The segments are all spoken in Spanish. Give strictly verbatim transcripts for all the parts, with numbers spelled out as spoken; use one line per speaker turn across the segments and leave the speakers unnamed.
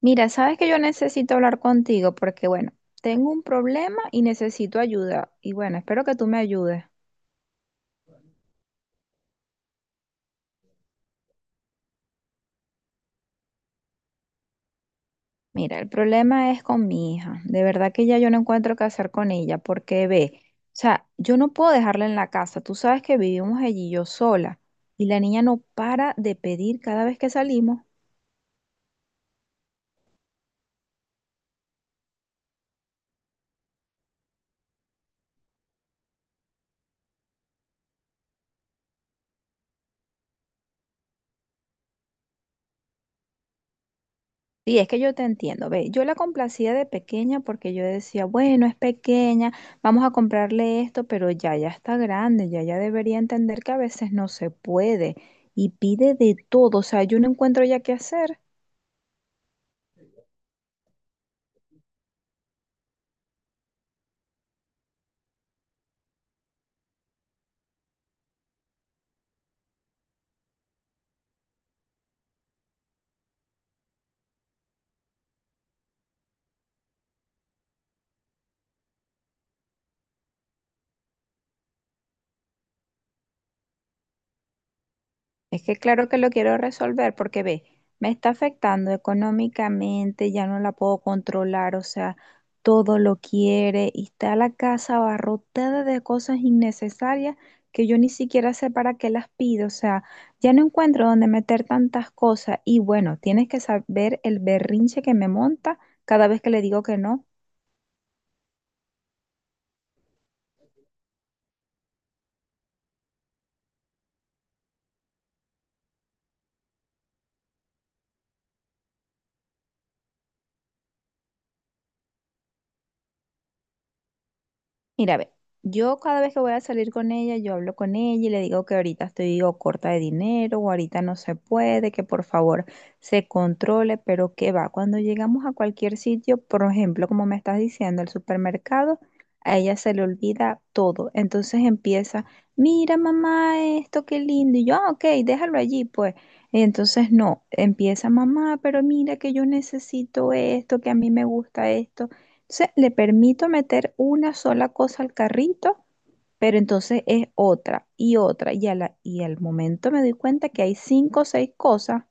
Mira, sabes que yo necesito hablar contigo porque, bueno, tengo un problema y necesito ayuda. Y bueno, espero que tú me ayudes. Mira, el problema es con mi hija. De verdad que ya yo no encuentro qué hacer con ella porque ve, o sea, yo no puedo dejarla en la casa. Tú sabes que vivimos allí yo sola y la niña no para de pedir cada vez que salimos. Sí, es que yo te entiendo. Ve, yo la complacía de pequeña porque yo decía, bueno, es pequeña, vamos a comprarle esto, pero ya, ya está grande, ya, ya debería entender que a veces no se puede y pide de todo. O sea, yo no encuentro ya qué hacer. Es que claro que lo quiero resolver porque ve, me está afectando económicamente, ya no la puedo controlar, o sea, todo lo quiere y está la casa abarrotada de cosas innecesarias que yo ni siquiera sé para qué las pido, o sea, ya no encuentro dónde meter tantas cosas y bueno, tienes que saber el berrinche que me monta cada vez que le digo que no. Mira, ve, yo cada vez que voy a salir con ella, yo hablo con ella y le digo que ahorita estoy o corta de dinero o ahorita no se puede, que por favor se controle, pero que va, cuando llegamos a cualquier sitio, por ejemplo, como me estás diciendo, el supermercado, a ella se le olvida todo. Entonces empieza, mira mamá, esto qué lindo. Y yo, ah, ok, déjalo allí, pues. Entonces no, empieza mamá, pero mira que yo necesito esto, que a mí me gusta esto. Entonces, le permito meter una sola cosa al carrito, pero entonces es otra y otra. Y, a la- y al momento me doy cuenta que hay cinco o seis cosas.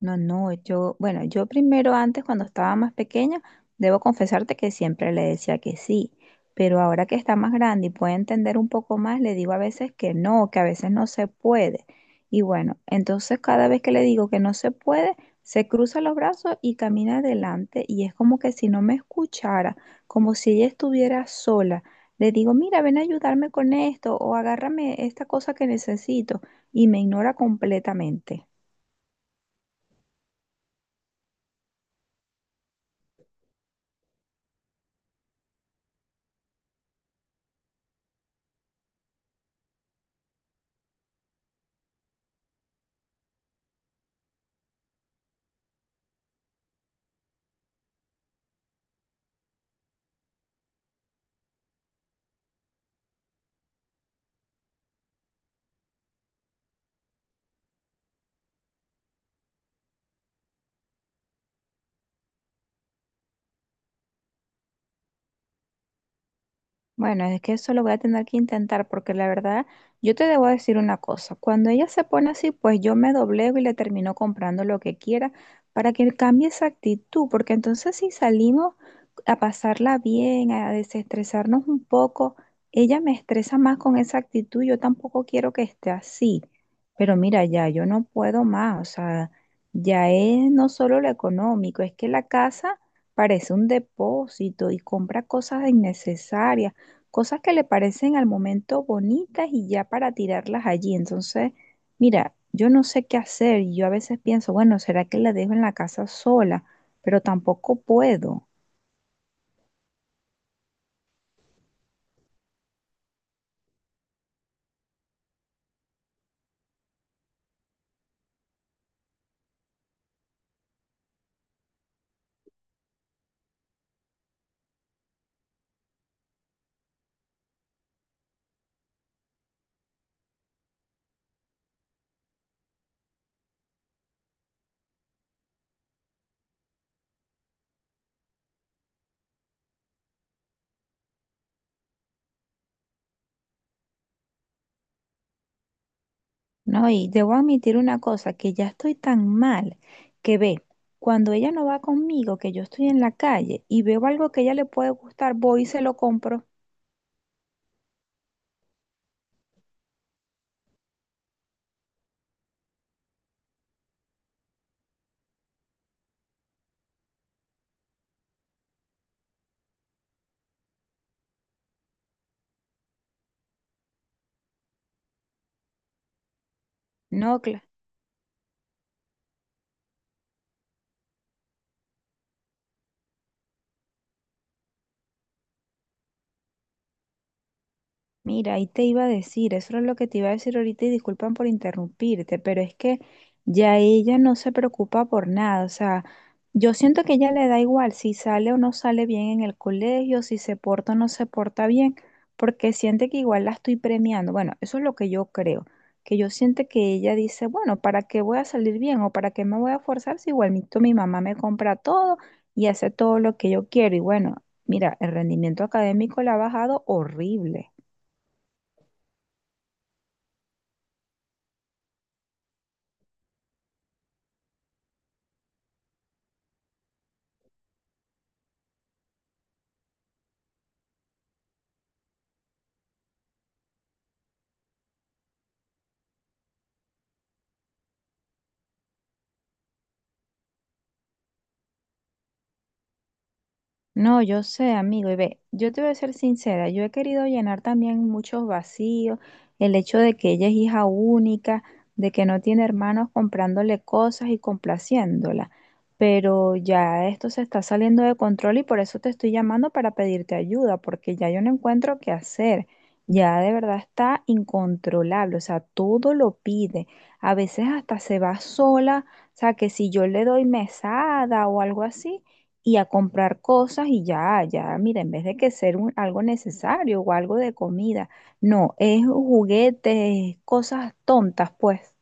No, no, yo, bueno, yo primero antes cuando estaba más pequeña, debo confesarte que siempre le decía que sí, pero ahora que está más grande y puede entender un poco más, le digo a veces que no, que a veces no se puede. Y bueno, entonces cada vez que le digo que no se puede, se cruza los brazos y camina adelante y es como que si no me escuchara, como si ella estuviera sola. Le digo, mira, ven a ayudarme con esto o agárrame esta cosa que necesito y me ignora completamente. Bueno, es que eso lo voy a tener que intentar porque la verdad, yo te debo decir una cosa, cuando ella se pone así, pues yo me doblego y le termino comprando lo que quiera para que cambie esa actitud, porque entonces si salimos a pasarla bien, a desestresarnos un poco, ella me estresa más con esa actitud, yo tampoco quiero que esté así, pero mira, ya yo no puedo más, o sea, ya es no solo lo económico, es que la casa parece un depósito y compra cosas innecesarias cosas que le parecen al momento bonitas y ya para tirarlas allí. Entonces, mira, yo no sé qué hacer y yo a veces pienso, bueno, ¿será que la dejo en la casa sola? Pero tampoco puedo, ¿no? Y debo admitir una cosa, que ya estoy tan mal que ve, cuando ella no va conmigo, que yo estoy en la calle y veo algo que a ella le puede gustar, voy y se lo compro. No, mira, ahí te iba a decir, eso era lo que te iba a decir ahorita y disculpan por interrumpirte, pero es que ya ella no se preocupa por nada, o sea, yo siento que ella le da igual si sale o no sale bien en el colegio, si se porta o no se porta bien, porque siente que igual la estoy premiando. Bueno, eso es lo que yo creo, que yo siento que ella dice, bueno, ¿para qué voy a salir bien o para qué me voy a forzar si igualito mi mamá me compra todo y hace todo lo que yo quiero? Y bueno, mira, el rendimiento académico le ha bajado horrible. No, yo sé, amigo, y ve, yo te voy a ser sincera, yo he querido llenar también muchos vacíos, el hecho de que ella es hija única, de que no tiene hermanos comprándole cosas y complaciéndola, pero ya esto se está saliendo de control y por eso te estoy llamando para pedirte ayuda, porque ya yo no encuentro qué hacer, ya de verdad está incontrolable, o sea, todo lo pide, a veces hasta se va sola, o sea, que si yo le doy mesada o algo así y a comprar cosas y ya, ya, mira, en vez de que ser un- algo necesario o algo de comida, no, es juguetes, cosas tontas, pues.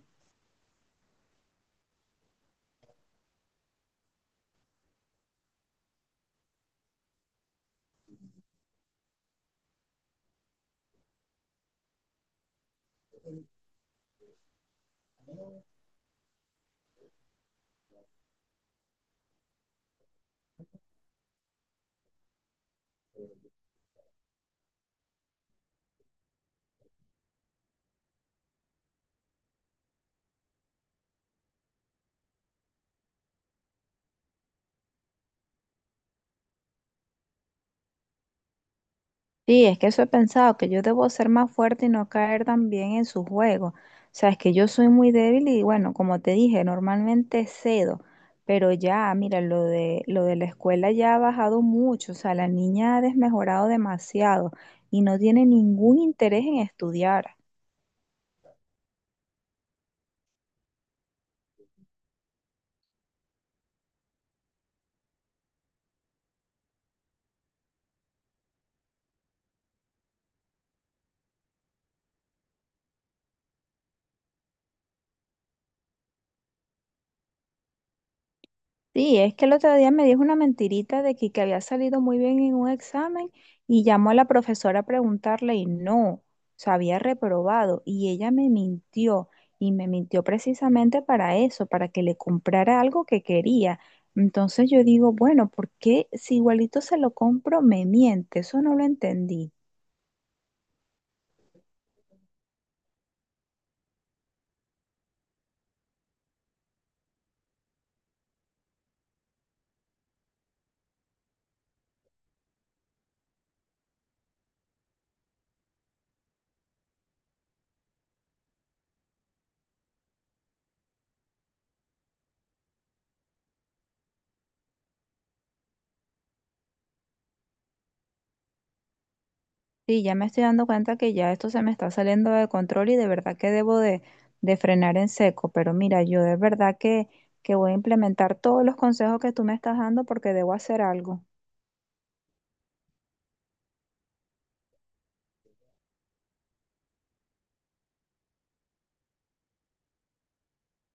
Sí, es que eso he pensado, que yo debo ser más fuerte y no caer también en su juego. O sea, es que yo soy muy débil y bueno, como te dije, normalmente cedo, pero ya, mira, lo de, lo de la escuela ya ha bajado mucho, o sea, la niña ha desmejorado demasiado y no tiene ningún interés en estudiar. Sí, es que el otro día me dijo una mentirita de que, que había salido muy bien en un examen y llamó a la profesora a preguntarle y no, se había reprobado y ella me mintió y me mintió precisamente para eso, para que le comprara algo que quería. Entonces yo digo, bueno, ¿por qué si igualito se lo compro, me miente? Eso no lo entendí. Sí, ya me estoy dando cuenta que ya esto se me está saliendo de control y de verdad que debo de, de frenar en seco. Pero mira, yo de verdad que, que voy a implementar todos los consejos que tú me estás dando porque debo hacer algo.